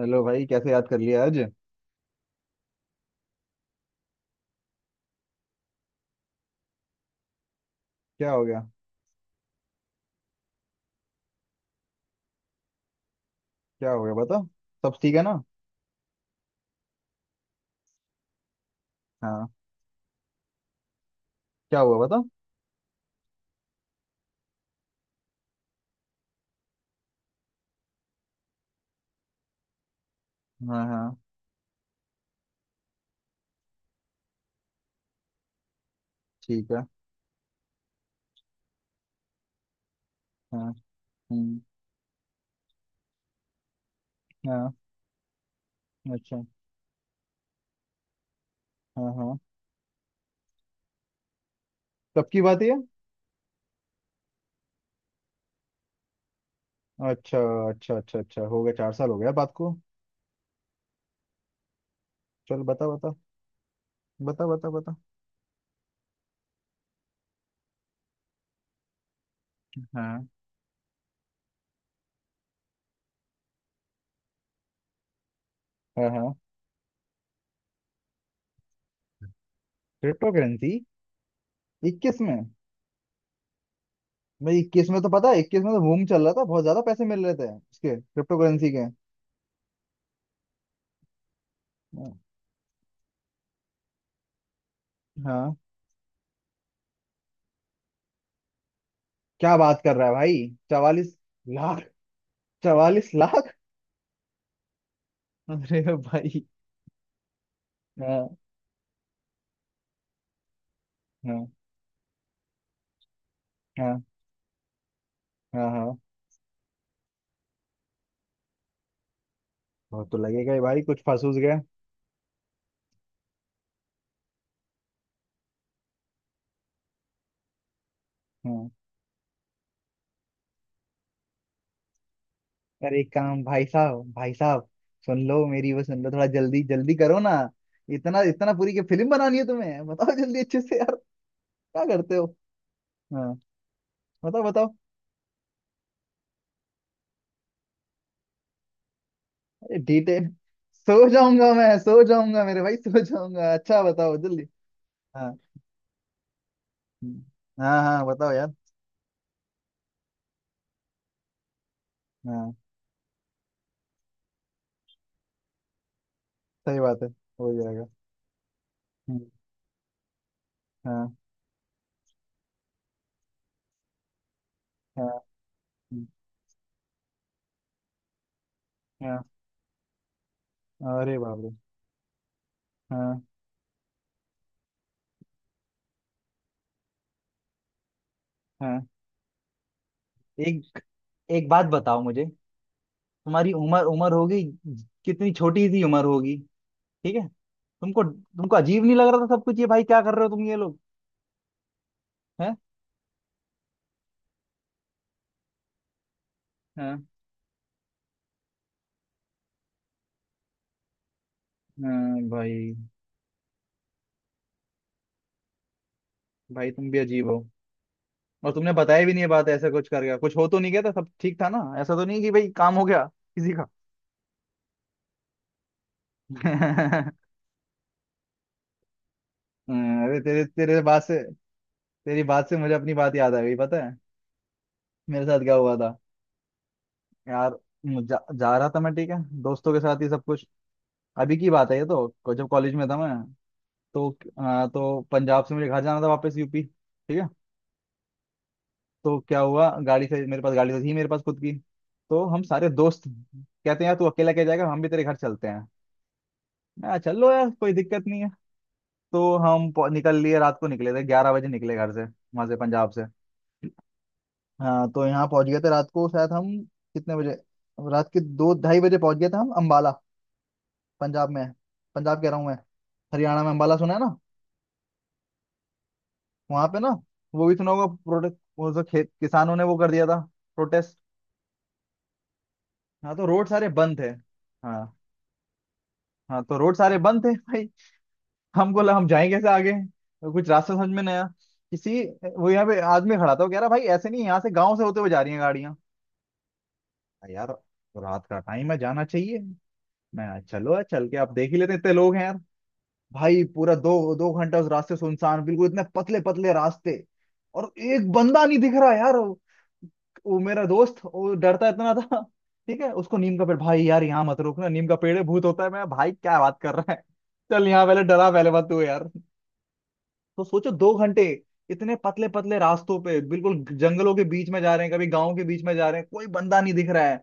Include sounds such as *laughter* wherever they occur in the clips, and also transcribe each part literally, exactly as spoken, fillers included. Hello भाई, कैसे याद कर लिया आज। क्या हो गया? क्या हो गया बता। सब ठीक है ना? हाँ। क्या हुआ बता। हाँ हाँ। ठीक है। हाँ। हम्म। हाँ। अच्छा। हाँ हाँ। कब की बात है ये? अच्छा। अच्छा अच्छा अच्छा, हो गया चार साल हो गया बात को। चल बता बता। बता बता बता। हाँ हाँ। हाँ। Crypto currency. इक्कीस में। भाई इक्कीस में तो पता है, इक्कीस में तो बूम चल रहा था, बहुत ज्यादा पैसे मिल रहे थे इसके, क्रिप्टो करेंसी के। हाँ। क्या बात कर रहा है भाई, चवालीस लाख। चवालीस लाख? अरे भाई। हाँ। हाँ। हाँ हाँ। हाँ। वो तो लगेगा ही भाई, कुछ फंसूस गया। हाँ। यार एक काम, भाई साहब भाई साहब, सुन लो मेरी वो, सुन लो, थोड़ा जल्दी जल्दी करो ना। इतना इतना पूरी की फिल्म बनानी है तुम्हें? बताओ जल्दी अच्छे से यार। क्या करते हो। हाँ, बताओ बताओ। अरे डिटेल। सो जाऊंगा मैं, सो जाऊंगा मेरे भाई, सो जाऊंगा। अच्छा बताओ जल्दी। हाँ। हम्म। हाँ हाँ बताओ यार। हाँ। सही बात है। हो जाएगा। हम्म। हाँ। हाँ। हम्म। हाँ। अरे बाप रे। हाँ। हाँ। एक, एक बात बताओ मुझे। तुम्हारी उम्र उम्र होगी, कितनी छोटी सी उम्र होगी। ठीक है। तुमको तुमको अजीब नहीं लग रहा था सब कुछ? ये भाई क्या कर रहे हो तुम ये लोग? हैं? हाँ। हाँ भाई। भाई तुम भी अजीब हो। और तुमने बताया भी नहीं ये बात? ऐसा कुछ कर गया, कुछ हो तो नहीं गया था? सब ठीक था ना? ऐसा तो नहीं कि भाई काम हो गया किसी का। *laughs* हाँ, अरे तेरे तेरे बात से तेरी बात से मुझे अपनी बात याद आ गई पता है। मेरे साथ क्या हुआ था यार। जा, जा रहा था मैं, ठीक है, दोस्तों के साथ ही सब कुछ। अभी की बात है ये तो, को- जब कॉलेज में था मैं। तो अ, तो पंजाब से मुझे घर जाना था वापस, यू पी, ठीक है। तो क्या हुआ, गाड़ी से, मेरे पास गाड़ी तो थी मेरे पास खुद की। तो हम सारे दोस्त कहते हैं यार तू अकेला क्या जाएगा, हम भी तेरे घर चलते हैं। मैं कहा, चलो यार कोई दिक्कत नहीं है। तो हम पहुं- निकल लिए, रात को निकले थे, ग्यारह बजे निकले घर से, वहां से पंजाब से। हाँ तो यहाँ पहुंच गए थे रात को शायद हम। कितने बजे? रात के दो ढाई बजे पहुंच गए थे हम, अम्बाला। पंजाब में, पंजाब कह रहा हूँ मैं, हरियाणा में अम्बाला, सुना है ना? वहां पे ना, वो भी सुना होगा, प्रोटेस्ट, वो जो खेत किसानों ने वो कर दिया था, प्रोटेस्ट। हाँ तो रोड सारे बंद थे। हाँ। हाँ तो रोड सारे बंद थे भाई। हमको लगा हम जाएं कैसे आगे, तो कुछ रास्ता समझ में नहीं आया। किसी, वो यहाँ पे आदमी खड़ा था, वो कह रहा भाई ऐसे नहीं, यहाँ से गांव से होते हुए जा रही हैं गाड़ियां। यार रात का टाइम है, जाना चाहिए। मैं चलो यार, चल के आप देख ही लेते हैं, इतने लोग हैं यार। भाई पूरा दो दो घंटा उस रास्ते सुनसान, बिल्कुल इतने पतले पतले रास्ते, और एक बंदा नहीं दिख रहा यार वो। वो मेरा दोस्त वो डरता इतना था, ठीक है, उसको नीम का पेड़ भाई, यार यहाँ मत रुकना नीम का पेड़ है, भूत होता है। मैं भाई क्या बात कर रहा है, चल यहाँ पहले डरा, पहले मत तू यार। तो सोचो दो घंटे, इतने पतले पतले रास्तों पे, बिल्कुल जंगलों के बीच में जा रहे हैं, कभी गांव के बीच में जा रहे हैं, कोई बंदा नहीं दिख रहा है।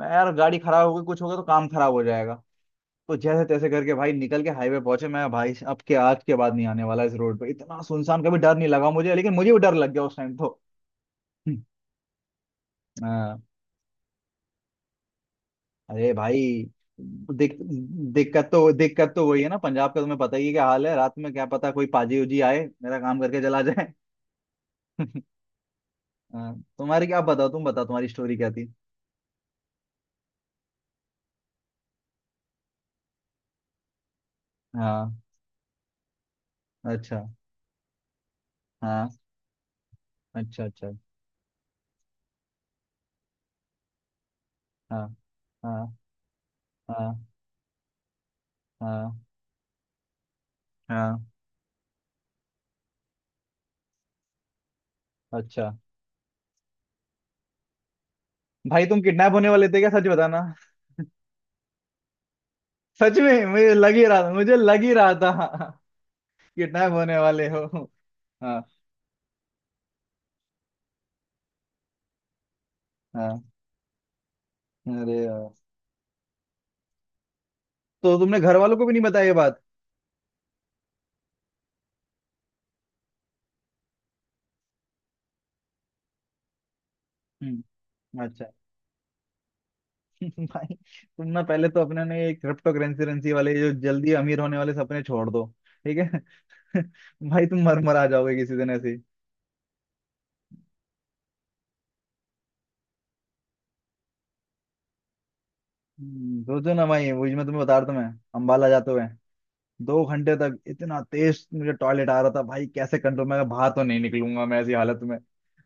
मैं यार गाड़ी खराब हो गई कुछ हो गया तो काम खराब हो जाएगा। तो जैसे तैसे करके भाई निकल के हाईवे पहुंचे। मैं भाई अब के, आज के बाद नहीं आने वाला इस रोड पे, इतना सुनसान कभी डर नहीं लगा मुझे, लेकिन मुझे भी डर लग गया उस टाइम तो। हम्म। हाँ, अरे भाई, दिक, दिक्कत तो, दिक्कत तो वही है ना, पंजाब का तुम्हें पता ही है क्या हाल है, रात में क्या पता कोई पाजी उजी आए, मेरा काम करके चला जाए। *laughs* हाँ, तुम्हारी क्या, आप बताओ, तुम बताओ, तुम्हारी स्टोरी क्या थी। हाँ। अच्छा। हाँ। अच्छा अच्छा। हाँ। हाँ। हाँ। हाँ। हाँ। अच्छा, भाई तुम किडनैप होने वाले थे क्या? सच बताना। सच में मुझे लग ही रहा था, मुझे लग ही रहा था। *laughs* किडनैप होने वाले हो। हाँ। हाँ। अरे यार, तो तुमने घर वालों को भी नहीं बताया ये बात? हम्म। अच्छा। *laughs* भाई तुम ना, पहले तो अपने ने ये क्रिप्टो करेंसी वाले जो जल्दी अमीर होने वाले सपने छोड़ दो। ठीक है। *laughs* भाई तुम मर मर आ जाओगे किसी दिन ऐसे ही। हम्म, सोचो ना भाई, वही मैं तुम्हें बता रहा था। मैं अंबाला जाते हुए, दो घंटे तक इतना तेज मुझे टॉयलेट आ रहा था भाई, कैसे कंट्रोल। मैं कहा, बाहर तो नहीं निकलूंगा मैं ऐसी हालत में,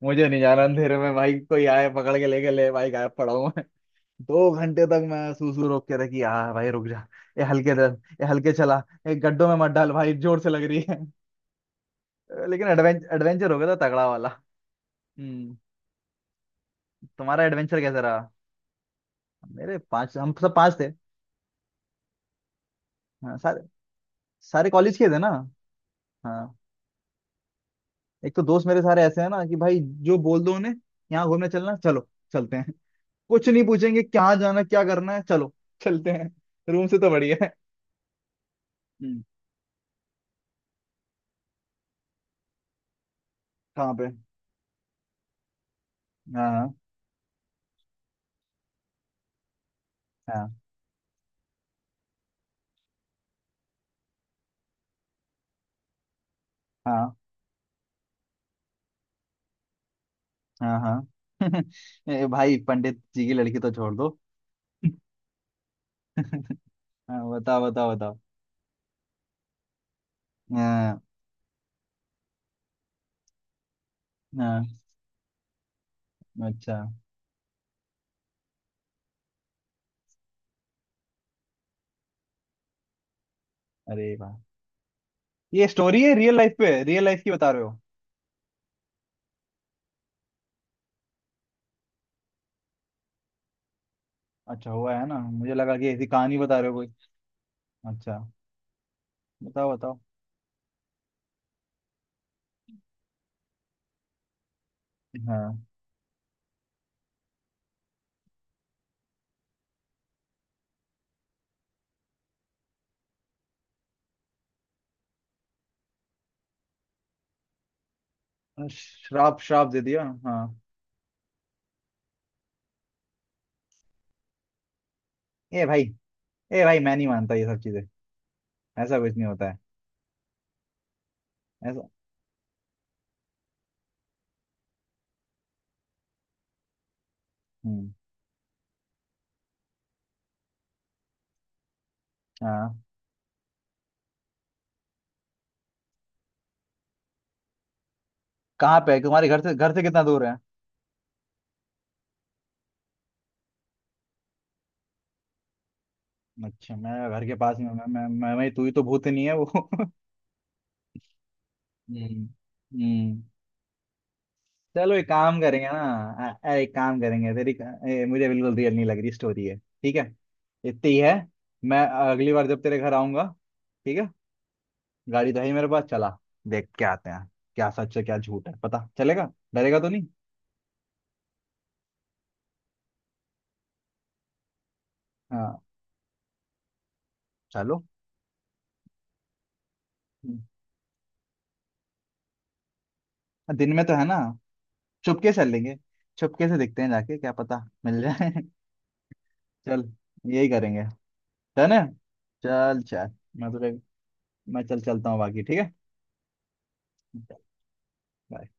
मुझे नहीं जाना अंधेरे में, भाई कोई आए पकड़ के लेके ले, भाई गायब पड़ा हूं मैं। दो घंटे तक मैं सूसू रोक के रखी, यार भाई रुक जा, ये हल्के दर, ये हल्के चला, ये गड्ढों में मत डाल भाई, जोर से लग रही है। लेकिन एडवेंचर एडवेंचर हो गया था, तगड़ा वाला। हम्म। तुम्हारा एडवेंचर कैसा रहा। मेरे पांच, हम सब पांच थे। हाँ, सारे, सारे कॉलेज के थे ना। हाँ, एक तो दोस्त मेरे सारे ऐसे हैं ना कि भाई, जो बोल दो उन्हें, यहाँ घूमने चलना, चलो चलते हैं। कुछ नहीं पूछेंगे, कहाँ जाना क्या करना है, चलो चलते हैं, रूम से तो बढ़िया है। हम्म, कहाँ पे? हाँ। हाँ। हाँ। हाँ। हाँ। *laughs* ए, भाई पंडित जी की लड़की तो छोड़ दो। *laughs* हाँ, बताओ बताओ बताओ। हाँ। हाँ। अच्छा। अरे वाह, ये स्टोरी है रियल लाइफ पे, रियल लाइफ की बता रहे हो? अच्छा हुआ है ना, मुझे लगा कि ऐसी कहानी बता रहे हो कोई। अच्छा बताओ बताओ। हाँ। श्राप, श्राप दे दिया, हाँ। ए भाई, ए भाई मैं नहीं मानता ये सब चीजें, ऐसा कुछ नहीं होता है। ऐसा। हम्म। हाँ। कहाँ पे है? तुम्हारे घर से, घर से कितना दूर है? अच्छा, मैं घर के पास में, मैं मैं मैं, मैं तू ही तो भूत नहीं है वो। *laughs* हम्म। हम्म। चलो एक काम करेंगे ना, अ- अरे एक काम करेंगे तेरी। ए, मुझे बिल्कुल रियल नहीं लग रही स्टोरी है, ठीक है, इतनी ही है। मैं, अगली बार जब तेरे घर आऊंगा, ठीक है, गाड़ी तो है ही मेरे पास, चला देख के आते हैं, क्या सच है क्या झूठ है पता चलेगा, डरेगा तो नहीं। हाँ। चलो। हम्म। दिन में तो है ना? चुपके से लेंगे, चुपके से देखते हैं जाके, क्या पता मिल जाए। *laughs* चल, यही करेंगे। डन है। चल चल। मैं तो, मैं चल चलता हूँ बाकी ठीक है। चल, Bye.